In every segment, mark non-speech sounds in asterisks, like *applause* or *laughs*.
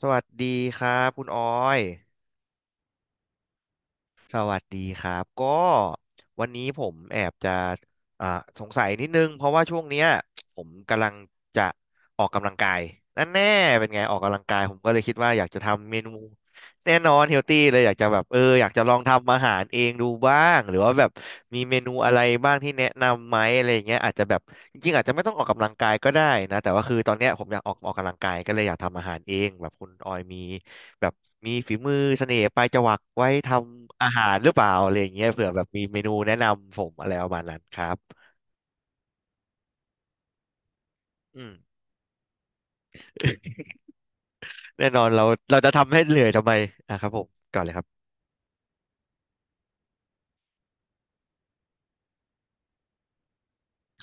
สวัสดีครับคุณออยสวัสดีครับก็วันนี้ผมแอบจะอ่าสงสัยนิดนึงเพราะว่าช่วงเนี้ยผมกำลังจะออกกำลังกายนั่นแน่เป็นไงออกกำลังกายผมก็เลยคิดว่าอยากจะทำเมนูแน่นอนเฮลตี้เลยอยากจะแบบอยากจะลองทำอาหารเองดูบ้างหรือว่าแบบมีเมนูอะไรบ้างที่แนะนำไหมอะไรอย่างเงี้ยอาจจะแบบจริงๆอาจจะไม่ต้องออกกำลังกายก็ได้นะแต่ว่าคือตอนเนี้ยผมอยากออกกำลังกายก็เลยอยากทำอาหารเองแบบคุณออยมี แบบมีฝีมือเสน่ห์ปลายจวักไว้ทำอาหารหรือเปล่าอะไรอย่างเงี้ยเผื่อแบบมีเมนูแนะนำผมอะไรประมาณนั้นครับอืม *laughs* แน่นอนเราจะทำให้เหนื่อยทำไมอ่ะครับผมก่อนเลยครับ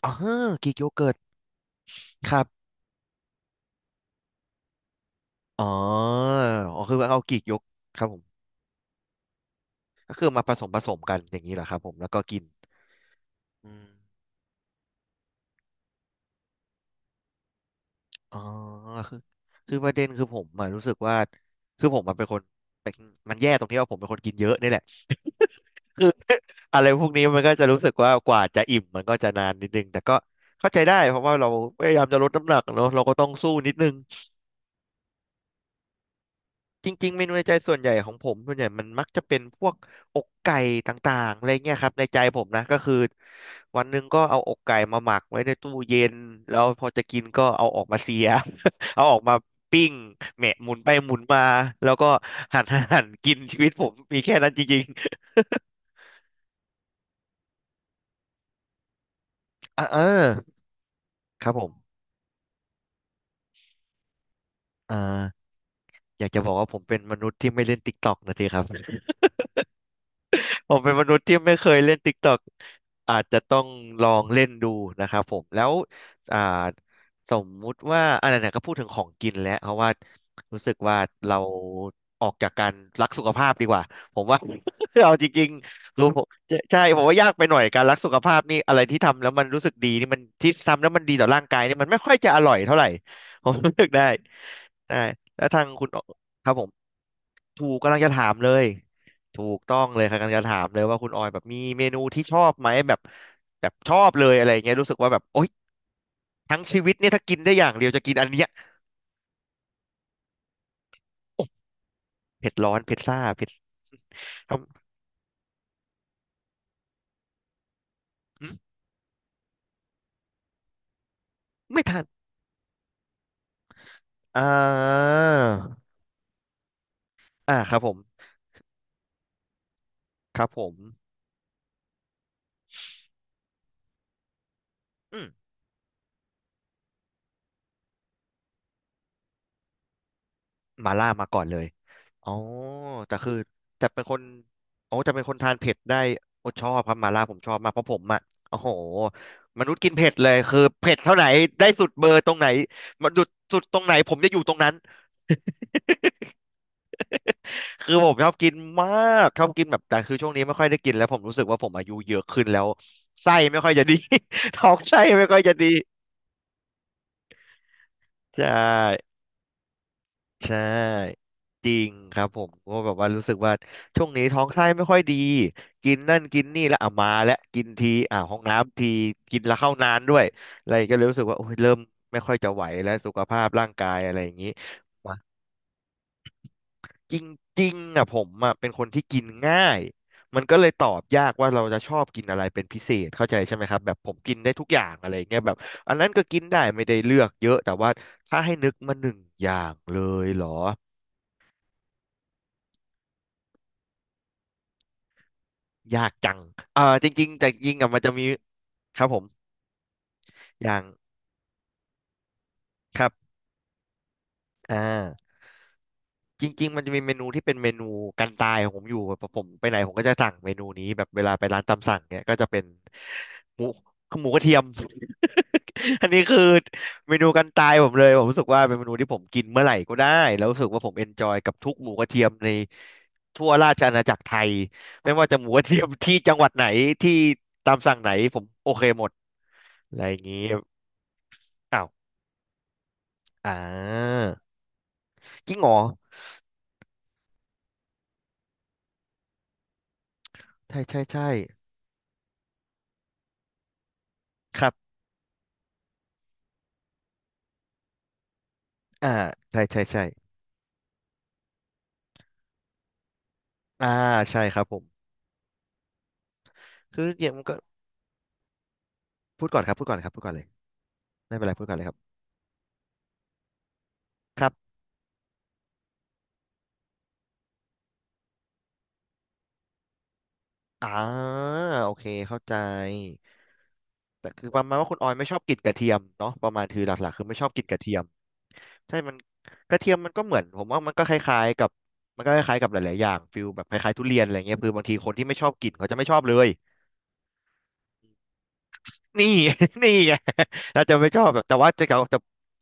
อ๋อกีกโยเกิร์ตครับอ๋ออ๋อคือเอากีกโยกครับผมก็คือมาผสมกันอย่างนี้เหรอครับผมแล้วก็กินอืมอ๋อคือคือประเด็นคือผมอะรู้สึกว่าคือผมมันเป็นคนเป็นมันแย่ตรงที่ว่าผมเป็นคนกินเยอะนี่แหละ *laughs* อะไรพวกนี้มันก็จะรู้สึกว่ากว่าจะอิ่มมันก็จะนานนิดนึงแต่ก็เข้าใจได้เพราะว่าเราพยายามจะลดน้ำหนักเนอะเราก็ต้องสู้นิดนึงจริงๆเมนูในใจส่วนใหญ่ของผมส่วนใหญ่มันมักจะเป็นพวกอกไก่ต่างๆอะไรเงี้ยครับในใจผมนะก็คือวันหนึ่งก็เอาอกไก่มาหมักไว้ในตู้เย็นแล้วพอจะกินก็เอาออกมาเสีย *laughs* เอาออกมาปิ้งแหมะหมุนไปหมุนมาแล้วก็หั่น *laughs* หั่นกินชีวิตผมมีแค่นั้นจริงๆอ่ะเออครับผมอ่า อยากจะบอกว่าผมเป็นมนุษย์ที่ไม่เล่นติ๊กต็อกนะทีครับ *laughs* อ ผมเป็นมนุษย์ที่ไม่เคยเล่น TikTok อาจจะต้องลองเล่นดูนะครับผมแล้วอ่าสมมุติว่าอะไรเนี่ยก็พูดถึงของกินแล้วเพราะว่ารู้สึกว่าเราออกจากการรักสุขภาพดีกว่าผมว่า *laughs* เอาจริงๆรู้ผมใช่ผมว่ายากไปหน่อยการรักสุขภาพนี่อะไรที่ทำแล้วมันรู้สึกดีนี่มันที่ทำแล้วมันดีต่อร่างกายนี่มันไม่ค่อยจะอร่อยเท่าไหร่ *laughs* ผมรู้สึกได้ได้แล้วทางคุณครับผมถูกกำลังจะถามเลย ถูกต้องเลยค่ะกำลังจะถามเลยว่าคุณออยแบบมีเมนูที่ชอบไหมแบบแบบชอบเลยอะไรเงี้ยรู้สึกว่าแบบโอ๊ยทั้งชีวิตเนี่ยถ้ากินได้อย่างเดียวจะกินอันเนี้ยโอ้เผ็ดร้อนเผ็ดซ่าเผ็ดทำอืมไม่ทันอ่าอ่าครับผมครับผมอืมมาล่ามาก่อนเลยอ๋อแต่คือแต่เป็นคนอ๋อจะเป็นคนทานเผ็ดได้โอ้ชอบครับมาล่าผมชอบมากเพราะผมอ่ะโอ้โหมนุษย์กินเผ็ดเลยคือเผ็ดเท่าไหนได้สุดเบอร์ตรงไหนมันดุดสุดตรงไหนผมจะอยู่ตรงนั้น คือผมชอบกินมากชอบกินแบบแต่คือช่วงนี้ไม่ค่อยได้กินแล้วผมรู้สึกว่าผมอายุเยอะขึ้นแล้วไส้ไม่ค่อยจะดี *laughs* ท้องไส้ไม่ค่อยจะดีใช่ใช่จริงครับผมก็แบบว่ารู้สึกว่าช่วงนี้ท้องไส้ไม่ค่อยดีกินนั่นกินนี่แล้วอ่ะมาแล้วกินทีอ่ะห้องน้ำทีกินแล้วเข้านานด้วยอะไรก็เลยรู้สึกว่าโอ้ยเริ่มไม่ค่อยจะไหวแล้วสุขภาพร่างกายอะไรอย่างนี้ จริงๆอ่ะผมอ่ะเป็นคนที่กินง่ายมันก็เลยตอบยากว่าเราจะชอบกินอะไรเป็นพิเศษเข้าใจใช่ไหมครับแบบผมกินได้ทุกอย่างอะไรเงี้ยแบบอันนั้นก็กินได้ไม่ได้เลือกเยอะแต่ว่าถ้าให้นึกมาหนึ่งอย่างเลยเหรอยากจังเอ่าจริงๆแต่จริงอ่ะมันจะมีครับผมอย่างครับอ่าจริงๆมันจะมีเมนูที่เป็นเมนูกันตายของผมอยู่แบบผมไปไหนผมก็จะสั่งเมนูนี้แบบเวลาไปร้านตามสั่งเนี่ยก็จะเป็น หมูหมูกระเทียม *laughs* อันนี้คือเมนูกันตายผมเลยผมรู้สึกว่าเป็นเมนูที่ผมกินเมื่อไหร่ก็ได้แล้วรู้สึกว่าผมเอนจอยกับทุกหมูกระเทียมในทั่วราชอาณาจักรไทยไม่ว่าจะหมูกระเทียมที่จังหวัดไหนที่ตามสั่งไหนผมโอเคหมดอะไรอย่างนี้อ้าวอ่าจริงเหรอใช่ใช่ใช่ครับอ่าใช่ใช่ใช่อ่าใช่ครับผมคืออย่างมันก็พูดก่อนครับพูดก่อนครับพูดก่อนเลยไม่เป็นไรพูดก่อนเลยครับครับอ่าโอเคเข้าใจ แต่คือประมาณว่าคุณออยไม่ชอบกลิ่นกระเทียมเนาะประมาณคือหลักๆคือไม่ชอบกลิ่นกระเทียมใช่กระเทียมมันก็เหมือนผมว่ามันก็คล้ายๆกับหลายๆอย่างฟิลแบบคล้ายๆทุเรียนอะไรเงี้ยคือบางทีคนที่ไม่ชอบกลิ่นเขาจะไม่ชอบเลยนี่ *laughs* นี่ไงเราจะไม่ชอบแบบแต่ว่าเขาจะ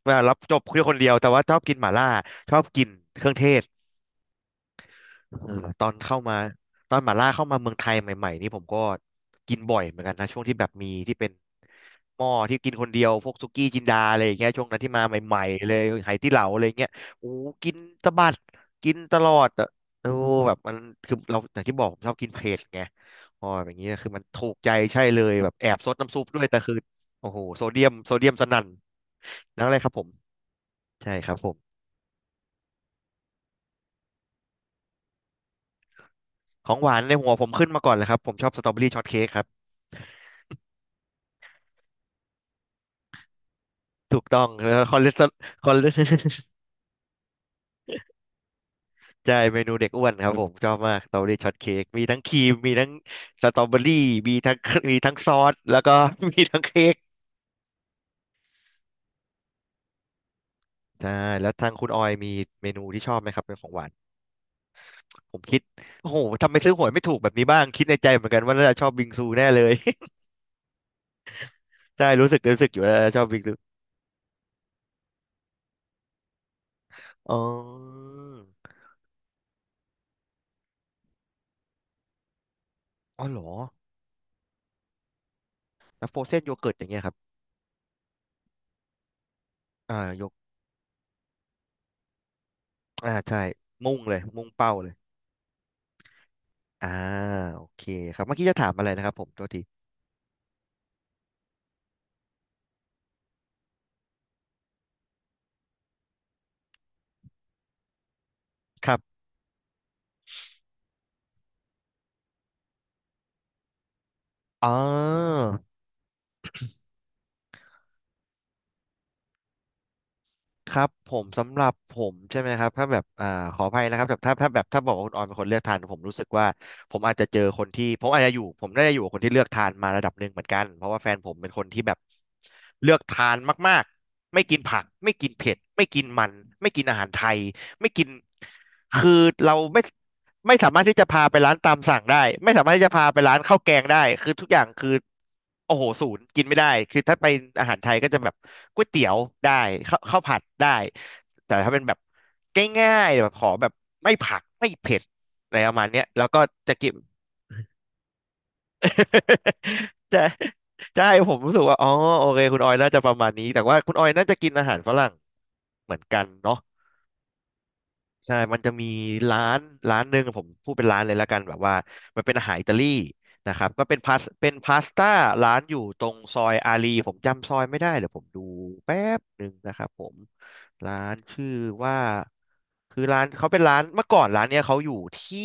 เวลารับจบคือคนเดียวแต่ว่าชอบกินหม่าล่าชอบกินเครื่องเทศ เออตอนเข้ามาตอนหม่าล่าเข้ามาเมืองไทยใหม่ๆนี่ผมก็กินบ่อยเหมือนกันนะช่วงที่แบบมีที่เป็นหม้อที่กินคนเดียวพวกสุกี้จินดาอะไรอย่างเงี้ยช่วงนั้นที่มาใหม่ๆเลยไหตี้เหลาอะไรเงี้ยโอ้กินสะบัดกินตลอดอะโอ้แบบมันคือเราอย่างที่บอกผมชอบกินเผ็ดไงอ๋ออย่างเงี้ยคือมันถูกใจใช่เลยแบบแอบซดน้ำซุปด้วยแต่คือโอ้โหโซเดียมสนั่นนั่นเลยครับผมใช่ครับผมของหวานในหัวผมขึ้นมาก่อนเลยครับผมชอบสตรอเบอรี่ช็อตเค้กครับ ถูกต้องแล้วคอเลสเตอรคอเลส *laughs* ใช่เมนูเด็กอ้วนครับผมชอบมากสตรอเบอรี่ช็อตเค้กมีทั้งครีมมีทั้งสตรอเบอรี่มีทั้งมีทั้งซอสแล้วก็ *laughs* มีทั้งเค้กใช่แล้วทางคุณออยมีเมนูที่ชอบไหมครับเป็นของหวานผมคิดโอ้โหทำไมซื้อหวยไม่ถูกแบบนี้บ้างคิดในใจเหมือนกันว่าน่าจะชอบบิงซูแน่เลย *laughs* ใช่รู้สึกอยู่แล้วาชอบบิงซูอ๋ออ๋อเหรอแล้วโฟรเซนโยเกิร์ตอย่างเงี้ยครับอ่าโยกอ่าใช่มุ่งเลยมุ่งเป้าเลยอ่าโอเคครับเมื่อกี้จะถามอะไรนะครับผมตัวที ครับอ๋อครับผมสำหรับผมใช่ไหมครับถ้าแบบอ่าขออภัยนะครับแต่ถ้าบอกว่าคุณออยเป็นคนเลือกทานผมรู้สึกว่าผมอาจจะเจอคนที่ผมอาจจะอยู่ผมได้อยู่กับคนที่เลือกทานมาระดับหนึ่งเหมือนกันเพราะว่าแฟนผมเป็นคนที่แบบเลือกทานมากๆไม่กินผักไม่กินเผ็ดไม่กินมันไม่กินอาหารไทยไม่กินคือเราไม่ ไม่สามารถที่จะพาไปร้านตามสั่งได้ไม่สามารถที่จะพาไปร้านข้าวแกงได้คือทุกอย่างคือโอ้โหศูนย์กินไม่ได้คือถ้าไปอาหารไทยก็จะแบบก๋วยเตี๋ยวได้ข้าวผัดได้แต่ถ้าเป็นแบบง่ายๆแบบขอแบบไม่ผักไม่เผ็ดอะไรประมาณเนี้ยแล้วก็จะกิน *laughs* แต่ใช่ผมรู้สึกว่าอ๋อโอเคคุณออยน่าจะประมาณนี้แต่ว่าคุณออยน่าจะกินอาหารฝรั่งเหมือนกันเนาะ ใช่มันจะมีร้านร้านหนึ่งผมพูดเป็นร้านเลยแล้วกันแบบว่ามันเป็นอาหารอิตาลีนะครับก็เป็นพาสต้าร้านอยู่ตรงซอยอารีผมจำซอยไม่ได้เดี๋ยวผมดูแป๊บหนึ่งนะครับผมร้านชื่อว่าคือร้านเขาเป็นร้านเมื่อก่อนร้านเนี้ยเขาอยู่ที่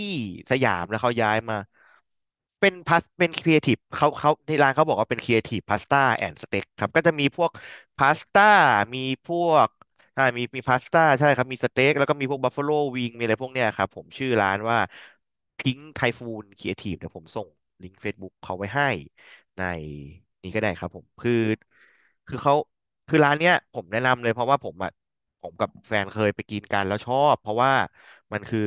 สยามแล้วเขาย้ายมา เป็นพาสเป็นครีเอทีฟเขาเขาที่ร้านเขาบอกว่าเป็นครีเอทีฟพาสต้าแอนด์สเต็กครับก็จะมีพวกพาสต้ามีพวกมีพาสต้าใช่ครับมีสเต็กแล้วก็มีพวกบัฟฟ l o วิงมีอะไรพวกเนี้ยครับผมชื่อร้านว่าพิง k ์ไทฟูนครีเอทีฟเดี๋ยวผมส่งลิงก์ Facebook เขาไว้ให้ในนี้ก็ได้ครับผมคือเขาคือร้านเนี้ยผมแนะนำเลยเพราะว่าผมอ่ะ ผมกับแฟนเคยไปกินกันแล้วชอบเพราะว่ามันคือ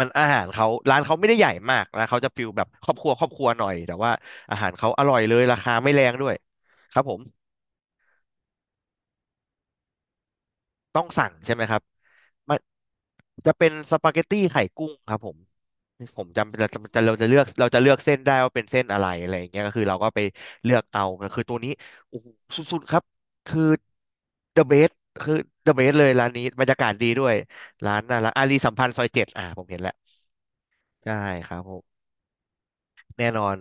มันอาหารเขาร้านเขาไม่ได้ใหญ่มากล้วเขาจะฟิลแบบครอบครัวหน่อยแต่ว่าอาหารเขาอร่อยเลยราคาไม่แรงด้วยครับผมต้องสั่งใช่ไหมครับ มันจะเป็นสปาเกตตี้ไข่กุ้งครับผมผมจำเราจะจะเราจะเลือกเราจะเลือกเส้นได้ว่าเป็นเส้นอะไรอะไรอย่างเงี้ยก็คือเราก็ไปเลือกเอาคือตัวนี้โอ้โหสุดๆครับคือ the best คือ the best เลยร้านนี้บรรยากาศดีด้วยร้านน่ารักอารีสัมพันธ์ซอย 7อ่ะผมเห็นแล้วใช่ครับผมแน่นอน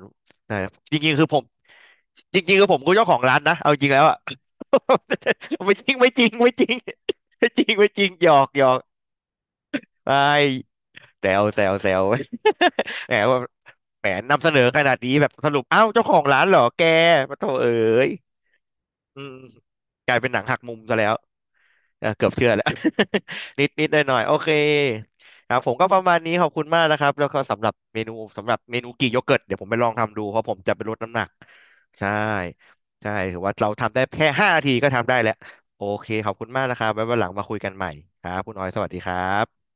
แต่จริงๆคือผมจริงๆคือผมก็เจ้าของร้านนะเอาจริงแล้วอะ *laughs* ไม่จริงไม่จริงไม่จริงไม่จริงไม่จริงหยอกหยอกไม่ แซวแซวแซว *laughs* แหมว่าแหมนำเสนอขนาดนี้แบบสรุปอ้าวเจ้าของร้านเหรอแกมาโถเอ๋ยอืมกลายเป็นหนังหักมุมซะแล้วเออเกือบเชื่อแล้ว *laughs* นิดนิดหน่อยหน่อยโอเคครับผมก็ประมาณนี้ขอบคุณมากนะครับแล้วก็สำหรับเมนูกี่โยเกิร์ตเดี๋ยวผมไปลองทำดูเพราะผมจะไปลดน้ำหนักใช่ใช่ถือว่าเราทำได้แค่5 นาทีก็ทำได้แล้วโอเคขอบคุณมากนะครับไว้วันหลังมาคุยกันใหม่ครับคุณออยสวัสดีครับ